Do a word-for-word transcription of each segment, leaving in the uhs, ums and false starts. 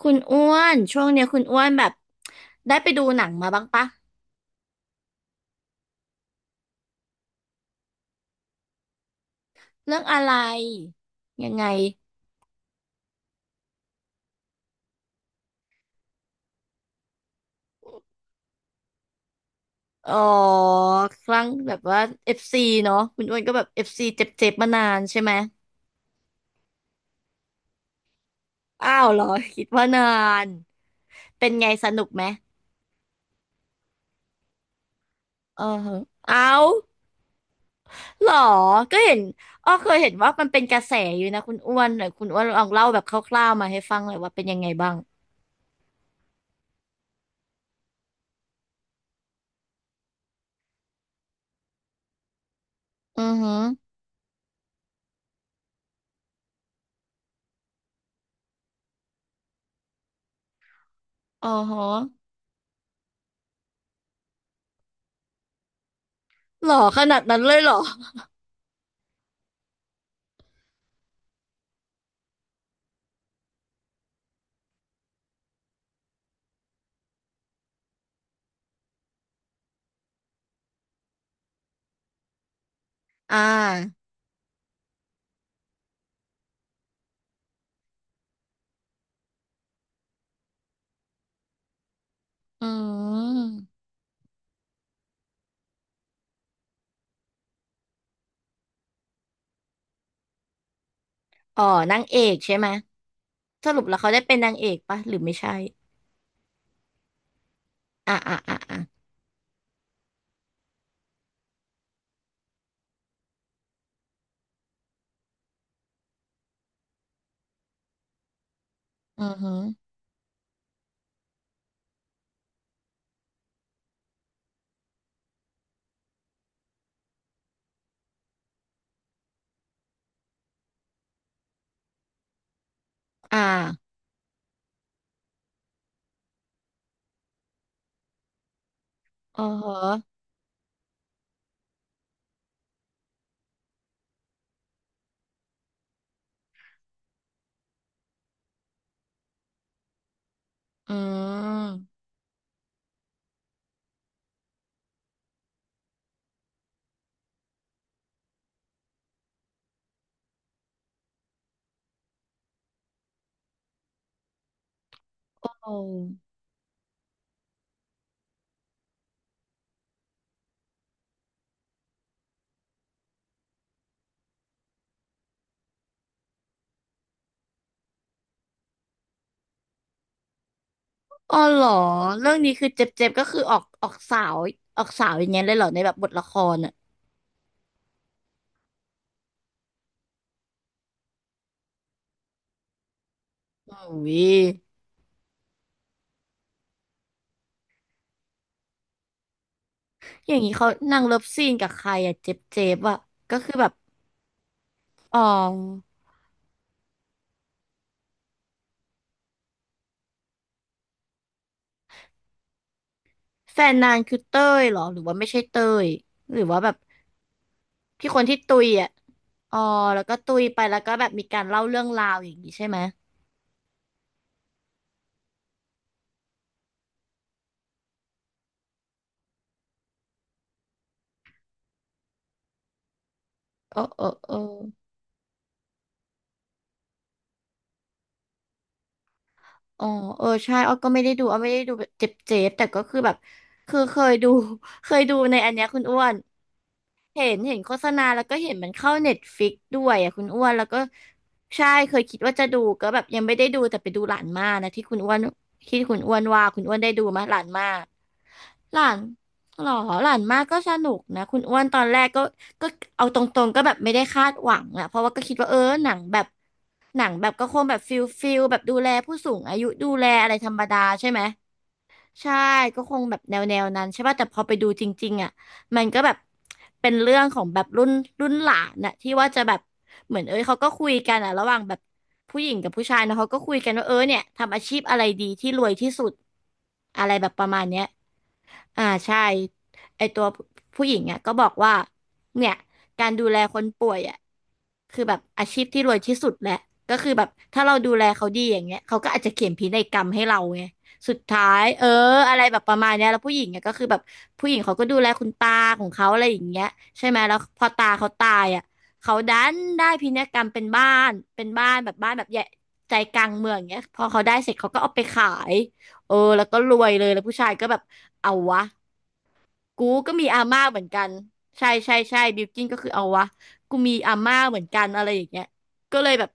คุณอ้วนช่วงเนี้ยคุณอ้วนแบบได้ไปดูหนังมาบ้างปะเรื่องอะไรยังไงอ๋อครั้งแบบว่าเอฟซีเนาะคุณอ้วนก็แบบเอฟซีเจ็บๆมานานใช่ไหมอ้าวเหรอคิดว่านานเป็นไงสนุกไหมเออฮะเอาเหรอก็เห็นอ้อเคยเห็นว่ามันเป็นกระแสอยู่นะคุณอ้วนหน่อยคุณอ้วนลองเล่าแบบคร่าวๆมาให้ฟังหน่อยว่าเป็นยังไงบ้างอือฮึอ๋อฮะเหรอขนาดนั้นเลยเหรออ่าอืม อ๋อนางเอกใช่ไหมสรุปแล้วเขาได้เป็นนางเอกปะหรือไม่ใช่อ่ะอ่ะอ่ะอ่ะอือฮึอ่าอ๋อฮะอืมโอ้อ๋อเหรอเรื่องนี้คือเจ็บเจ็บก็คือออกออกสาวออกสาวอย่างเงี้ยเลยเหรอในแบบบทละครอ่ะอุ้ยอย่างนี้เขานางเลิฟซีนกับใครอ่ะเจ็บเจ็บอ่ะก็คือแบบอ๋อแฟนนางคือเต้ยเหรอหรือว่าไม่ใช่เต้ยหรือว่าแบบพี่คนที่ตุยอ่ะอ๋อแล้วก็ตุยไปแล้วก็แบบมีการเล่าเรื่องราวอย่างนี้ใช่ไหม เออเออเอออ๋อเออใช่อ้อก็ไม่ได้ดูอ้อไม่ได้ดูแบบเจ็บเจ็บแต่ก็คือแบบคือเคยดู เคยดูในอันเนี้ยคุณอ้วนเห็นเห็นโฆษณาแล้วก็เห็นมันเข้าเน็ตฟิกด้วยอ่ะคุณอ้วนแล้วก็ใช่เคยคิดว่าจะดูก็แบบยังไม่ได้ดูแต่ไปดูหลานมานะที่คุณอ้วนที่คุณอ้วนว่าคุณอ้วนได้ดูไหมยหลานมาหลานหรอหลานมาก็สนุกนะคุณอ้วนตอนแรกก็ก็เอาตรงๆก็แบบไม่ได้คาดหวังอะเพราะว่าก็คิดว่าเออหนังแบบ หนังแบบก็คงแบบฟิลฟิลแบบดูแลผู้สูงอายุดูแลอะไรธรรมดาใช่ไหมใช่ก็คงแบบแนวแนวนั้นใช่ป่ะแต่พอไปดูจริงๆอ่ะมันก็แบบเป็นเรื่องของแบบรุ่นรุ่นหลานน่ะที่ว่าจะแบบเหมือนเอ้ยเขาก็คุยกันอ่ะระหว่างแบบผู้หญิงกับผู้ชายเนอะเขาก็คุยกันว่าเออเนี่ยทำอาชีพอะไรดีที่รวยที่สุดอะไรแบบประมาณเนี้ย อ่าใช่ไอตัวผู้หญิงอ่ะก็บอกว่าเนี่ยการดูแลคนป่วยอ่ะคือแบบอาชีพที่รวยที่สุดแหละก็คือแบบถ้าเราดูแลเขาดีอย่างเงี้ยเขาก็อาจจะเขียนพินัยกรรมให้เราไงสุดท้ายเอออะไรแบบประมาณเนี้ยแล้วผู้หญิงอ่ะก็คือแบบผู้หญิงเขาก็ดูแลคุณตาของเขาอะไรอย่างเงี้ยใช่ไหมแล้วพอตาเขาตายอ่ะเขาดันได้พินัยกรรมเป็นบ้านเป็นบ้านแบบบ้านแบบใหญ่ใจกลางเมืองอย่างเงี้ยพอเขาได้เสร็จเขาก็เอาไปขายเออแล้วก็รวยเลยแล้วผู้ชายก็แบบ เอาวะกูก็มีอาม่าเหมือนกันใช่ใช่ใช่บิวกิ้นก็คือเอาวะกูมีอาม่าเหมือนกันอะไรอย่างเงี้ยก็เลยแบบ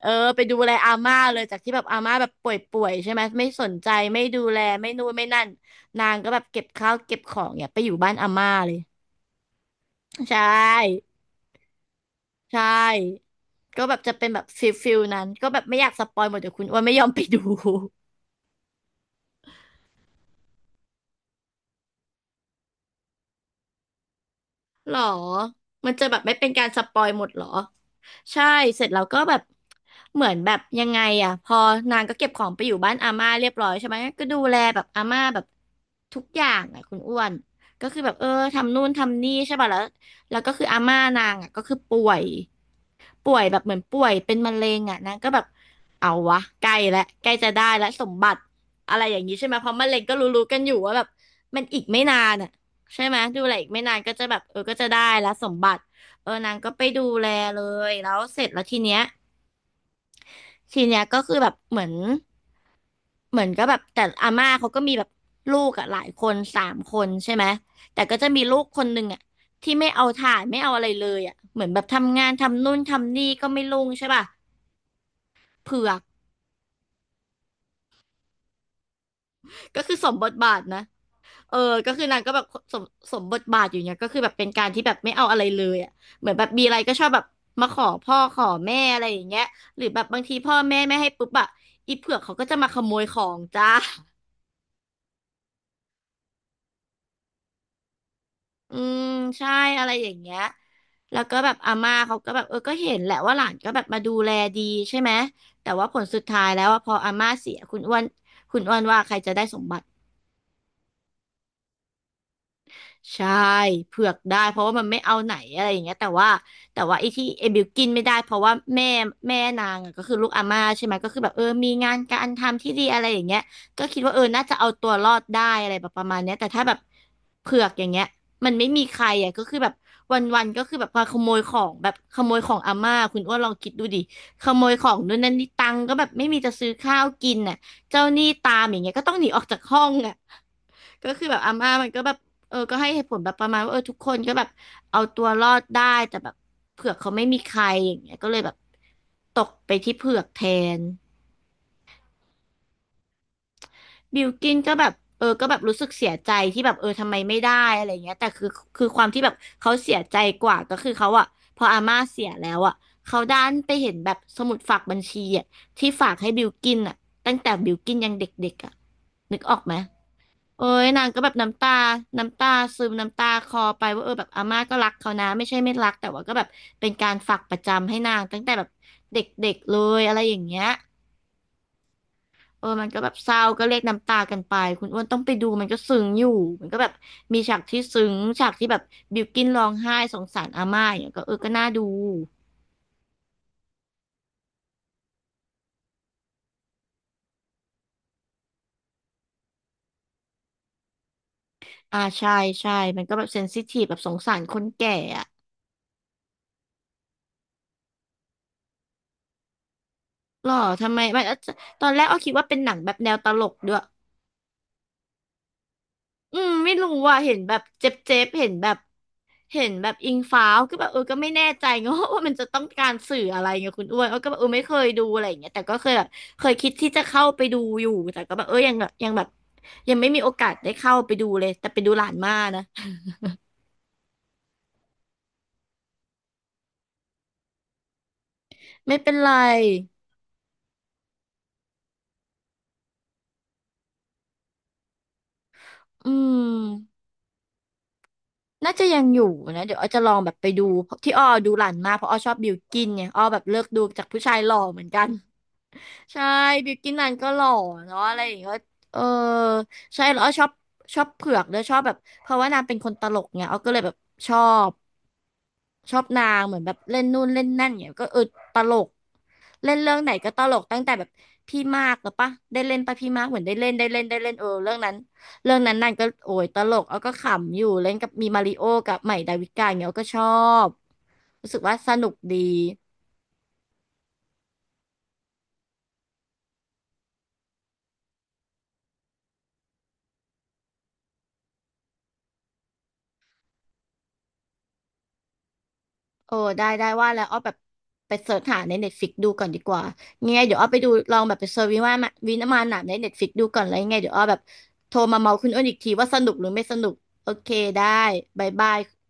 เออไปดูแลอาม่าเลยจากที่แบบอาม่าแบบป่วยๆใช่ไหมไม่สนใจไม่ดูแลไม่นู่นไม่นั่นนางก็แบบเก็บข้าวเก็บของเนี่ยไปอยู่บ้านอาม่าเลยใช่ใช่ก็แบบจะเป็นแบบฟิลฟิลนั้นก็แบบไม่อยากสปอยหมดเดี๋ยวคุณอ้วนไม่ยอมไปดู หรอมันจะแบบไม่เป็นการสปอยหมดหรอใช่เสร็จแล้วก็แบบเหมือนแบบยังไงอ่ะพอนางก็เก็บของไปอยู่บ้านอาม่าเรียบร้อยใช่ไหมก็ดูแลแบบอาม่าแบบทุกอย่างอ่ะคุณอ้วนก็คือแบบเออทำนู่นทำนี่ใช่ป่ะแล้วแล้วก็คืออาม่านางอ่ะก็คือป่วยป่วยแบบเหมือนป่วยเป็นมะเร็งอ่ะนางก็แบบเอาวะใกล้แล้วใกล้จะได้แล้วสมบัติอะไรอย่างนี้ใช่ไหมเพราะมะเร็งก็รู้ๆกันอยู่ว่าแบบมันอีกไม่นานอ่ะ ใช่ไหมดูแลอีกไม่นานก็จะแบบเออก็จะได้ละสมบัติเออนางก็ไปดูแลเลยแล้วเสร็จแล้วทีเนี้ยทีเนี้ยก็คือแบบเหมือนเหมือนก็แบบแต่อาม่าเขาก็มีแบบลูกอ่ะหลายคนสามคนใช่ไหมแต่ก็จะมีลูกคนหนึ่งอ่ะที่ไม่เอาถ่ายไม่เอาอะไรเลยอ่ะเหมือนแบบทำงานทำนู่นทำนี่ก็ไม่ลุ่งใช่ป่ะเผือกก็คือสมบทบาทนะ เออก็คือนางก็แบบสมสมบทบาทอยู่เนี่ยก็คือแบบเป็นการที่แบบไม่เอาอะไรเลยอ่ะเหมือนแบบมีอะไรก็ชอบแบบมาขอพ่อขอแม่อะไรอย่างเงี้ยหรือแบบบางทีพ่อแม่ไม่ให้ปุ๊บอ่ะอีเผือกเขาก็จะมาขโมยของจ้า อืมใช่อะไรอย่างเงี้ยแล้วก็แบบอาม่าเขาก็แบบเออก็เห็นแหละว่าหลานก็แบบมาดูแลดีใช่ไหมแต่ว่าผลสุดท้ายแล้วอะพออาม่าเสียคุณอ้วนคุณอ้วนว่าใครจะได้สมบัติ ใช่เผือกได้เพราะว่ามันไม่เอาไหนอะไรอย่างเงี้ยแต่ว่าแต่ว่าไอ้ที่เอบิวกินไม่ได้เพราะว่าแม่แม่นางอะก็คือลูกอาม่าใช่ไหมก็คือแบบเออมีงานการทำที่ดีอะไรอย่างเงี้ยก็คิดว่าเออน่าจะเอาตัวรอดได้อะไรแบบประมาณเนี้ยแต่ถ้าแบบเผือกอย่างเงี้ยมันไม่มีใครอ่ะก็คือแบบวันๆก็คือแบบมาขโมยของแบบขโมยของอาม่าคุณอ้วนลองคิดดูดิขโมยของนู่นนั่นนี่ตังค์ก็แบบไม่มีจะซื้อข้าวกินน่ะเจ้าหนี้ตามอย่างเงี้ยก็ต้องหนีออกจากห้องอ่ะ ก็คือแบบอาม่ามันก็แบบเออก็ให้เหตุผลแบบประมาณว่าเออทุกคนก็แบบเอาตัวรอดได้แต่แบบเผือกเขาไม่มีใครอย่างเงี้ยก็เลยแบบตกไปที่เผือกแทนบิลกินก็แบบเออก็แบบรู้สึกเสียใจที่แบบเออทำไมไม่ได้อะไรเงี้ยแต่คือคือความที่แบบเขาเสียใจกว่าก็คือเขาอะพออาม่าเสียแล้วอะเขาด้านไปเห็นแบบสมุดฝากบัญชีอะที่ฝากให้บิลกินอะตั้งแต่บิลกินยังเด็กๆอะนึกออกไหม โอ้ยนางก็แบบน้ำตาน้ำตาซึมน้ำตาคลอไปว่าเออแบบอาม่าก็รักเขานะไม่ใช่ไม่รักแต่ว่าก็แบบเป็นการฝากประจำให้นางตั้งแต่แบบเด็กๆเลยอะไรอย่างเงี้ยเออมันก็แบบเศร้าก็เรียกน้ำตากันไปคุณอ้วนต้องไปดูมันก็ซึ้งอยู่มันก็แบบมีฉากที่ซึ้งฉากที่แบบบิวกิ้นร้องไห้สงสารอาม่าอย่างเงี้ยก็เออก็น่าดูอ่าใช่ใช่มันก็แบบเซนซิทีฟแบบสงสารคนแก่อะหรอทำไมมันตอนแรกอ้อคิดว่าเป็นหนังแบบแนวตลกด้วย อืมไม่รู้อ่ะเห็นแบบเจ็บเจ็บเห็นแบบเห็นแบบอิงฟ้าวก็แบบเออก็ไม่แน่ใจไง ว่ามันจะต้องการสื่ออะไรไงคุณอ้วนเออก็แบบเออไม่เคยดูอะไรอย่างเงี้ยแต่ก็เคยแบบเคยคิดที่จะเข้าไปดูอยู่แต่ก็แบบเออยังแบบยังแบบยังไม่มีโอกาสได้เข้าไปดูเลยแต่ไปดูหลานม่านะ ไม่เป็นไรอืมน่าจะยังอยู่นะเดี๋ยวอ้อจะลองแบบไปดูที่อ้อดูหลานมาเพราะอ้อชอบบิวกินเนี่ยอ้อแบบเลิกดูจากผู้ชายหล่อเหมือนกัน ใช่บิวกินนันก็หล่อเนาะอะไรอย่างเงี้ยก็เออใช่แล้วอ้อชอบชอบเผือกด้วยชอบแบบเพราะว่านางเป็นคนตลกไงอ้อก็เลยแบบชอบชอบนางเหมือนแบบเล่นนู่นเล่นนั่นเงี้ยก็เออตลกเล่นเรื่องไหนก็ตลกตั้งแต่แบบพี่มากหรือปะได้เล่นปะพี่มากเหมือนได้เล่นได้เล่นได้เล่นเออเรื่องนั้นเรื่องนั้นนางก็โอ้ยตลกอ้อก็ขำอยู่เล่นกับมีมาริโอกับใหม่ดาวิกาย่างเงี้ยอ้อก็ชอบรู้สึกว่าสนุกดี เออได้ได้ว่าแล้วอ้อแบบไปเสิร์ชหาในเน็ตฟิกดูก่อนดีกว่ายังไงเดี๋ยวอ้อไปดูลองแบบไปเสิร์ชวิว่ามาวินามานหนามในเน็ตฟิกดูก่อนแล้วยังไงเดี๋ยวอ้อแบบโทรมาเมาคุณอ้นอีกทีว่าสนุกหรือไม่สนุกโอเคได้บายบาย